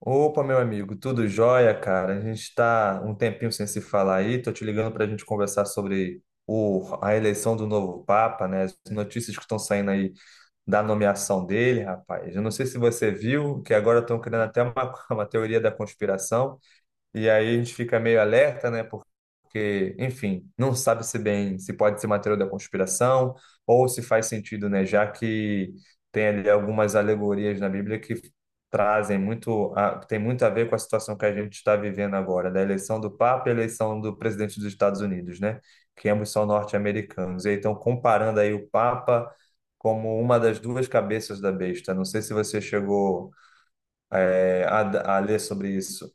Opa, meu amigo, tudo jóia, cara? A gente está um tempinho sem se falar aí. Tô te ligando para a gente conversar sobre a eleição do novo Papa, né? As notícias que estão saindo aí da nomeação dele, rapaz. Eu não sei se você viu que agora estão criando até uma teoria da conspiração e aí a gente fica meio alerta, né? Porque, enfim, não sabe se bem se pode ser material da conspiração ou se faz sentido, né? Já que tem ali algumas alegorias na Bíblia que trazem tem muito a ver com a situação que a gente está vivendo agora, da eleição do Papa e a eleição do presidente dos Estados Unidos, né? Que ambos são norte-americanos. E aí estão comparando aí o Papa como uma das duas cabeças da besta. Não sei se você chegou, a ler sobre isso.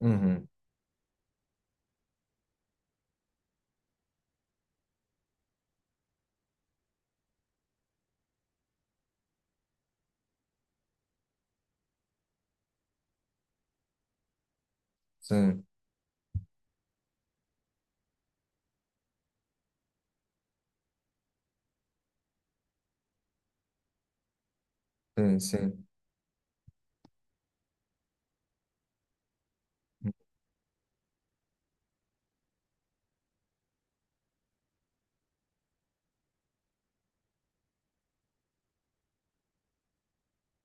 Uhum, sim. Sim, sim.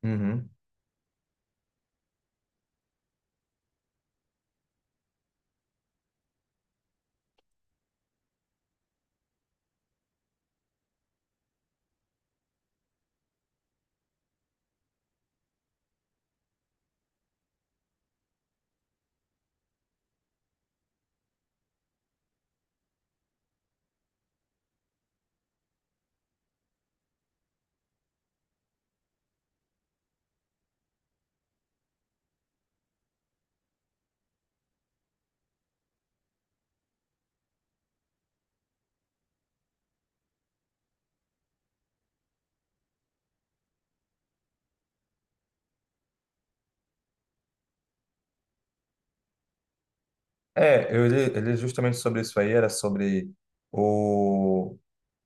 Uhum. É, eu li justamente sobre isso aí, era sobre o,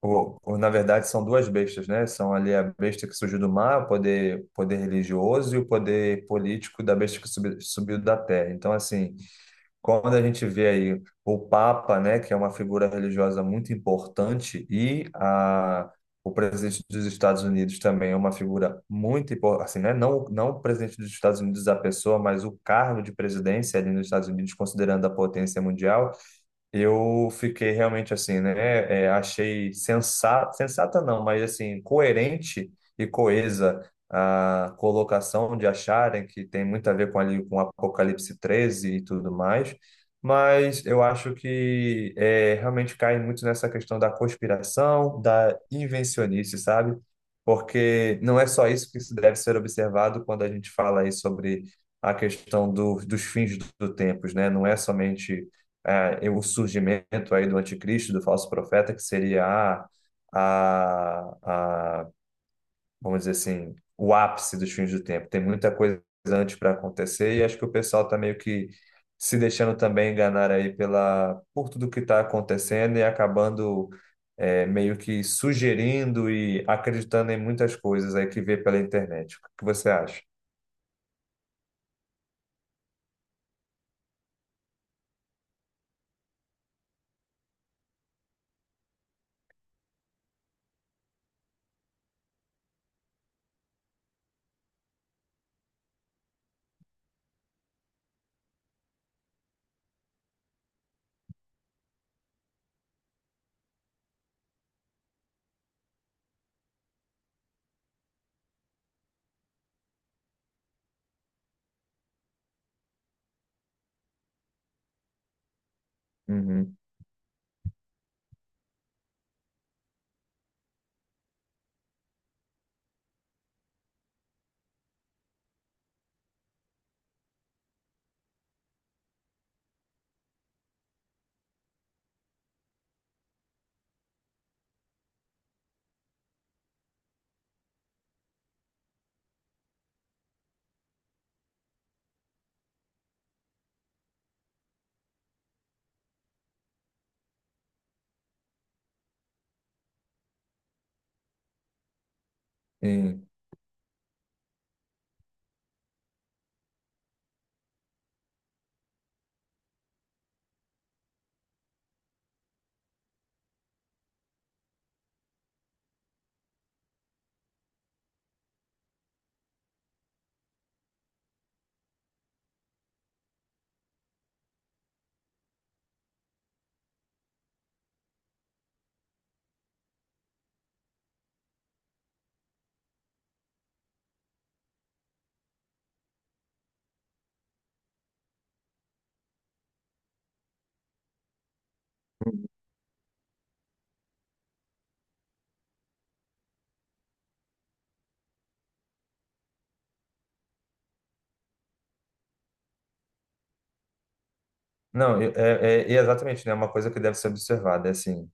Na verdade, são duas bestas, né? São ali a besta que surgiu do mar, o poder religioso, e o poder político da besta que subiu da terra. Então, assim. Quando a gente vê aí o Papa, né, que é uma figura religiosa muito importante, o presidente dos Estados Unidos também é uma figura muito importante, assim, né, não, não o presidente dos Estados Unidos a pessoa, mas o cargo de presidência ali nos Estados Unidos, considerando a potência mundial, eu fiquei realmente assim, né? Achei sensata, sensata não, mas assim, coerente e coesa a colocação de acharem que tem muito a ver com ali com Apocalipse 13 e tudo mais, mas eu acho que realmente cai muito nessa questão da conspiração, da invencionice, sabe? Porque não é só isso que se deve ser observado quando a gente fala aí sobre a questão dos fins do tempos, né? Não é somente o surgimento aí do anticristo, do falso profeta, que seria a, a, vamos dizer assim, o ápice dos fins do tempo. Tem muita coisa antes para acontecer e acho que o pessoal está meio que se deixando também enganar aí por tudo que está acontecendo e acabando meio que sugerindo e acreditando em muitas coisas aí que vê pela internet. O que você acha? Uhum. E- Não, é exatamente, né? É uma coisa que deve ser observada, é assim,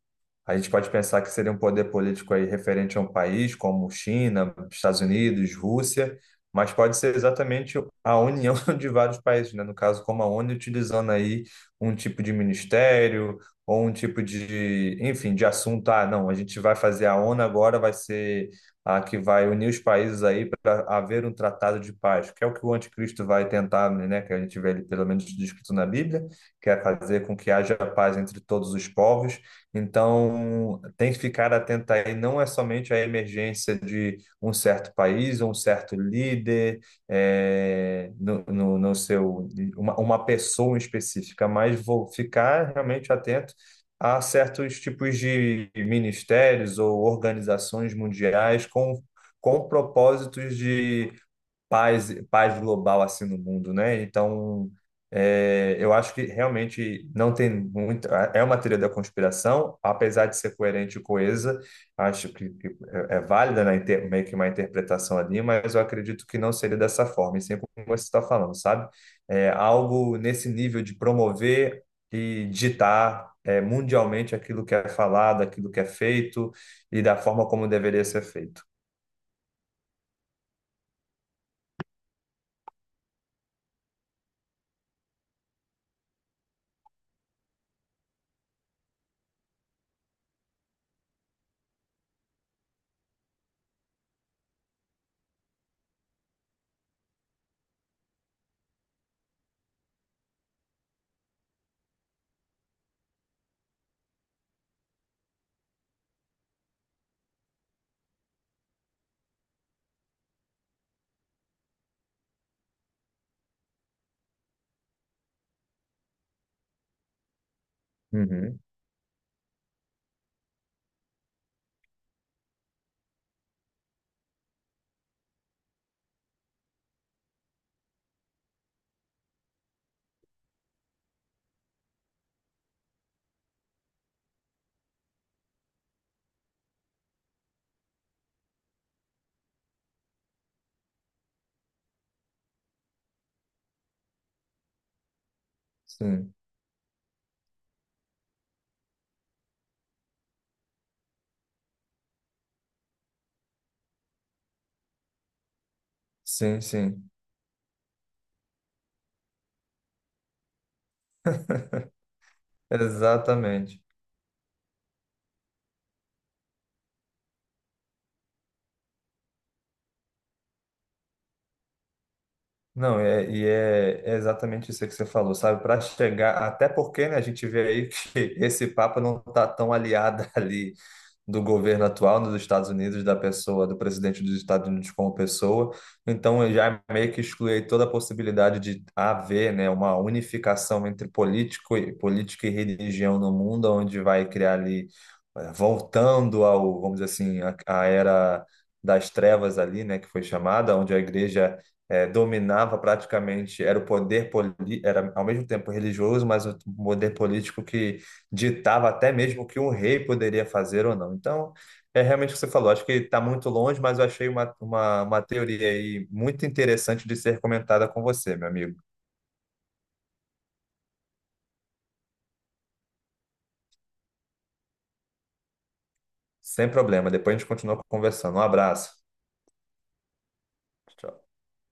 a gente pode pensar que seria um poder político aí referente a um país como China, Estados Unidos, Rússia, mas pode ser exatamente a união de vários países, né? No caso, como a ONU, utilizando aí um tipo de ministério ou um tipo de, enfim, de assunto. Ah, não, a gente vai fazer a ONU agora, vai ser a que vai unir os países aí para haver um tratado de paz, que é o que o anticristo vai tentar, né? Que a gente vê ali pelo menos descrito na Bíblia quer fazer com que haja paz entre todos os povos. Então, tem que ficar atento aí, não é somente a emergência de um certo país, um certo líder, é, no, no, no, seu, uma pessoa específica, mas vou ficar realmente atento a certos tipos de ministérios ou organizações mundiais com, propósitos de paz, paz global assim no mundo, né? Então, eu acho que realmente não tem muito. É uma teoria da conspiração, apesar de ser coerente e coesa, acho que é válida, né, meio que uma interpretação ali, mas eu acredito que não seria dessa forma, e sempre como você está falando, sabe? É algo nesse nível de promover e ditar. Mundialmente aquilo que é falado, aquilo que é feito e da forma como deveria ser feito. Uhum. Sim, sim, sim. Exatamente. Não, é, é exatamente isso que você falou, sabe? Para chegar, até porque, né, a gente vê aí que esse Papa não está tão aliado ali do governo atual nos Estados Unidos, da pessoa, do presidente dos Estados Unidos como pessoa. Então, eu já meio que excluí toda a possibilidade de haver, né, uma unificação entre política e religião no mundo, onde vai criar ali, voltando vamos dizer assim, a era das trevas ali, né, que foi chamada, onde a igreja dominava praticamente, era o poder era ao mesmo tempo religioso, mas o poder político que ditava até mesmo o que um rei poderia fazer ou não. Então, é realmente o que você falou, acho que está muito longe, mas eu achei uma teoria aí muito interessante de ser comentada com você, meu amigo. Sem problema, depois a gente continua conversando. Um abraço. Tchau.